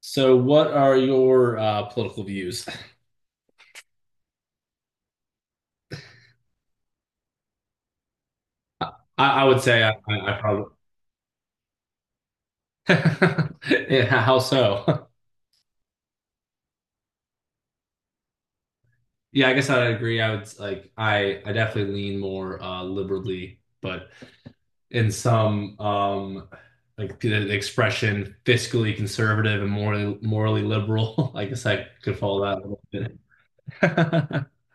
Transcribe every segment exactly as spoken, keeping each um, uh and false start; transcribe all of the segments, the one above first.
So, what are your uh, political views? I, I would say I, I, I probably. Yeah, how so? Yeah, I guess I'd agree. I would like I I definitely lean more uh, liberally, but in some um like the, the expression fiscally conservative and morally morally liberal. I guess I could follow that a little bit.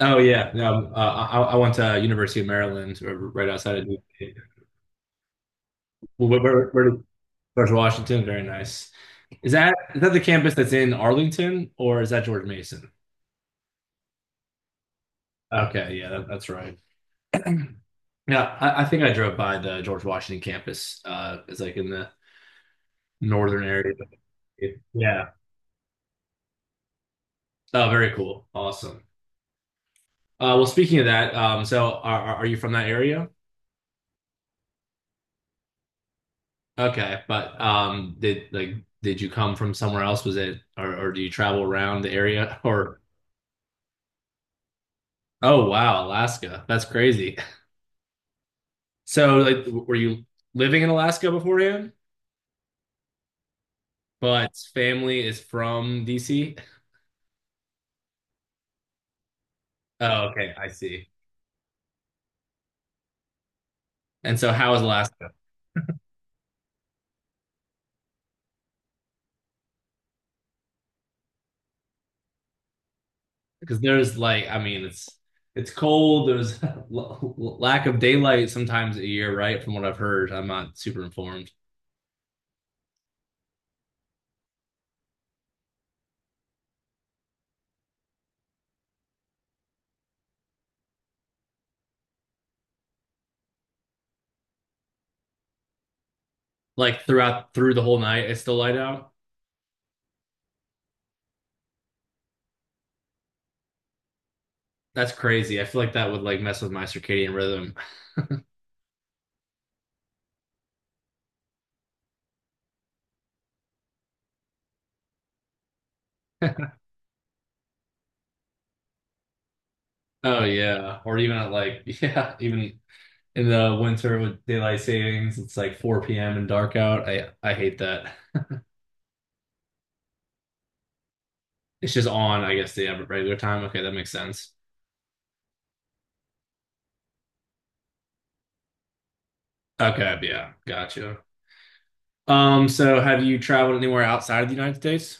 Oh yeah, no, uh, I I went to University of Maryland, r- right outside of New York. Where, where, where, George Washington, very nice. Is that is that the campus that's in Arlington, or is that George Mason? Okay, yeah, that, that's right. Yeah, I, I think I drove by the George Washington campus. Uh, it's like in the northern area. Yeah. Oh, very cool. Awesome. Uh, well, speaking of that, um, so are are are you from that area? Okay, but um, did like did you come from somewhere else? Was it, or or do you travel around the area or? Oh wow, Alaska. That's crazy. So, like, were you living in Alaska beforehand? But family is from D C. Oh, okay, I see. And so, how is Alaska? Because there's like, I mean, it's it's cold. There's l- lack of daylight sometimes a year, right? From what I've heard, I'm not super informed. Like throughout through the whole night, it's still light out. That's crazy. I feel like that would like mess with my circadian rhythm. Oh yeah, or even at like yeah, even in the winter with daylight savings, it's like four p m and dark out. I I hate that. It's just on, I guess, the regular time. Okay, that makes sense. Okay, yeah, gotcha. Um, so have you traveled anywhere outside of the United States?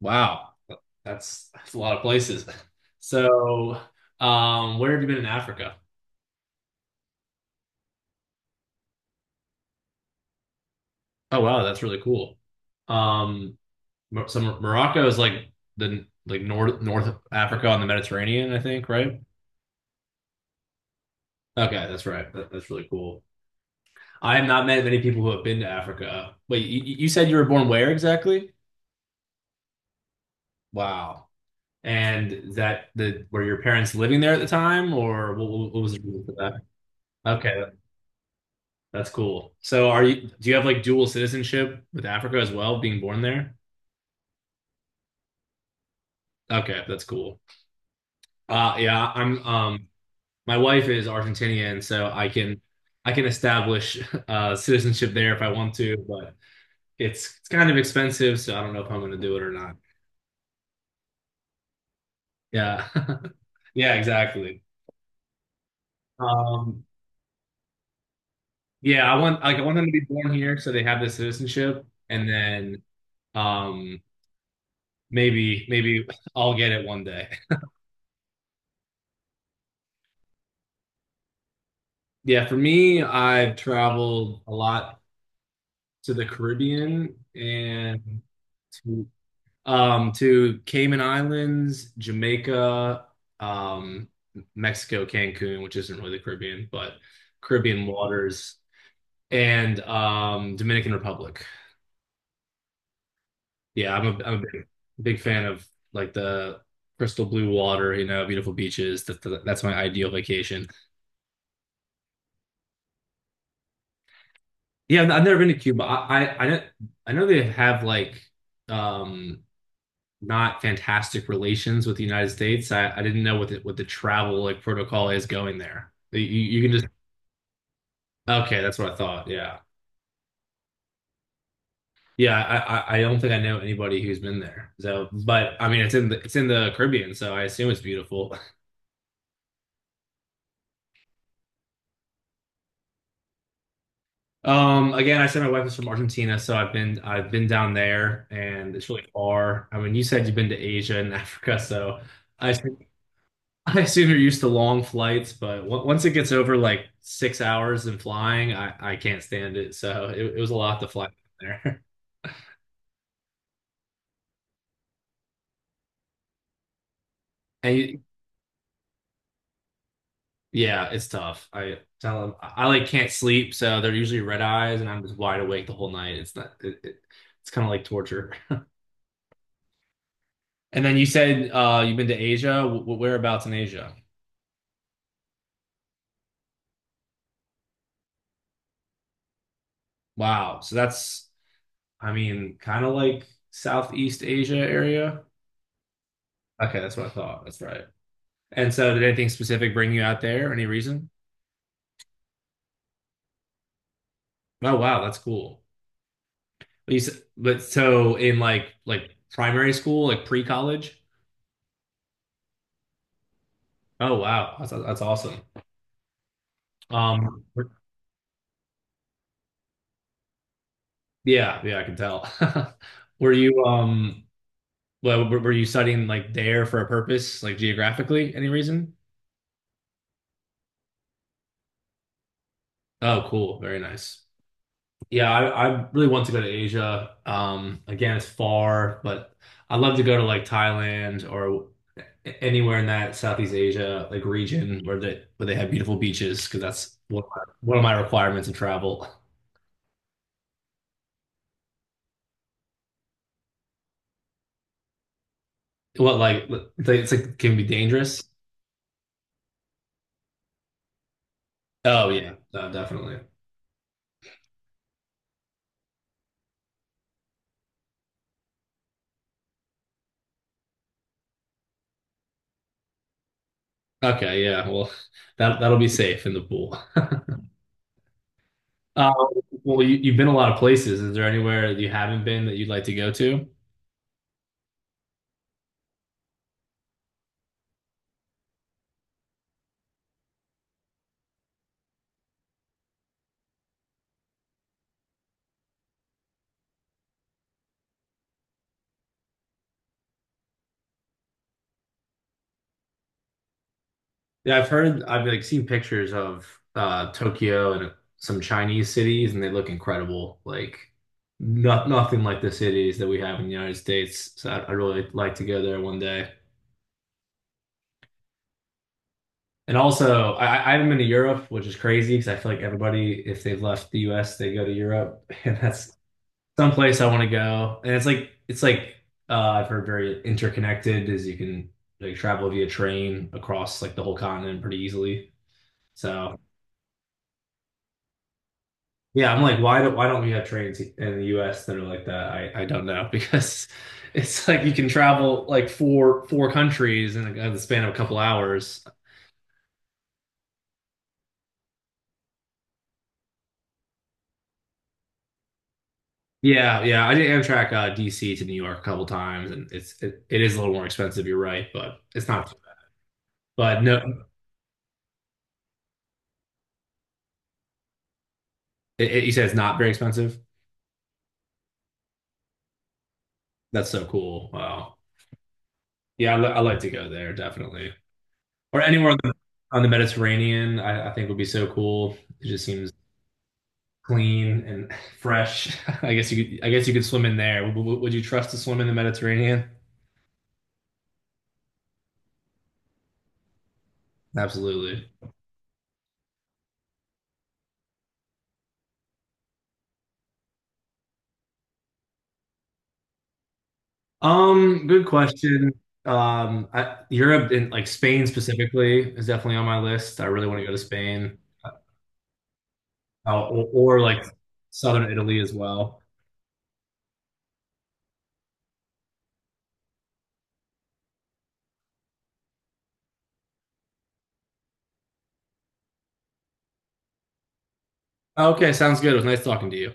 Wow, that's that's a lot of places. So, um, where have you been in Africa? Oh wow, that's really cool. Um, Mo- so Mor- Morocco is like the like north North Africa on the Mediterranean, I think, right? Okay, that's right. That, that's really cool. I have not met many people who have been to Africa. Wait, you, you said you were born where exactly? Wow. And is that the were your parents living there at the time, or what, what what was the reason for that? Okay, that's cool. So are you do you have like dual citizenship with Africa as well, being born there? Okay, that's cool. Uh yeah, I'm um my wife is Argentinian, so I can I can establish uh citizenship there if I want to, but it's it's kind of expensive, so I don't know if I'm gonna do it or not. Yeah. Yeah, exactly. Um, yeah, I want like I want them to be born here so they have the citizenship, and then um maybe maybe I'll get it one day. Yeah, for me, I've traveled a lot to the Caribbean and to um to Cayman Islands, Jamaica, um Mexico, Cancun, which isn't really the Caribbean, but Caribbean waters, and um Dominican Republic. Yeah, I'm a, I'm a big, big fan of like the crystal blue water, you know, beautiful beaches. That, that- that's my ideal vacation. Yeah, I've never been to Cuba. I, I, I know, I know they have like um not fantastic relations with the United States. I, I didn't know what the, what the travel like protocol is going there. You, you can just. Okay, that's what I thought. Yeah. Yeah, I, I I don't think I know anybody who's been there. So, but I mean, it's in the it's in the Caribbean, so I assume it's beautiful. Um, again, I said my wife is from Argentina, so I've been I've been down there, and it's really far. I mean, you said you've been to Asia and Africa, so I assume, I assume you're used to long flights. But on- once it gets over like six hours in flying, I I can't stand it. So it, it was a lot to fly down there, and you, yeah, it's tough. I tell them I, I like can't sleep, so they're usually red eyes, and I'm just wide awake the whole night. It's not it, it, it's kind of like torture. And then you said uh, you've been to Asia. Wh- Whereabouts in Asia? Wow. So that's, I mean, kind of like Southeast Asia area. Okay, that's what I thought. That's right. And so, did anything specific bring you out there? Any reason? Oh, wow, that's cool. But, you, s- but so in like like primary school, like pre-college. Oh, wow, that's that's awesome. Um, yeah, yeah, I can tell. Were you um, well, were were you studying like there for a purpose, like geographically? Any reason? Oh, cool, very nice. Yeah, I, I really want to go to Asia. Um, again, it's far, but I'd love to go to like Thailand, or a- anywhere in that Southeast Asia like region where they where they have beautiful beaches, because that's one of my, one of my requirements to travel. What like they- it's like can be dangerous? Oh yeah, no, definitely. Okay, yeah. Well, that that'll be safe in the pool. Uh, well, you, you've been a lot of places. Is there anywhere that you haven't been that you'd like to go to? Yeah, I've heard, I've like seen pictures of uh Tokyo and some Chinese cities, and they look incredible. Like not nothing like the cities that we have in the United States. So i i really like to go there one day. And also, I, I haven't been to Europe, which is crazy, because I feel like everybody, if they've left the U S, they go to Europe, and that's someplace I want to go. And it's like it's like uh, I've heard very interconnected, as you can like travel via train across like the whole continent pretty easily. So yeah, I'm like, why don't why don't we have trains in the U S that are like that? I, I don't know because it's like you can travel like four four countries in, a, in the span of a couple hours. Yeah, yeah. I did Amtrak uh, D C to New York a couple times, and it's it, it is a little more expensive. You're right, but it's not. But no, it, it- you said it's not very expensive. That's so cool. Wow. Yeah, I, li- I like to go there definitely, or anywhere on the on the Mediterranean. I, I think would be so cool. It just seems clean and fresh. I guess you could, I guess you could swim in there. W- w- Would you trust to swim in the Mediterranean? Absolutely. Um, good question. Um, I, Europe and like Spain specifically is definitely on my list. I really want to go to Spain, uh, or or like southern Italy as well. Okay, sounds good. It was nice talking to you.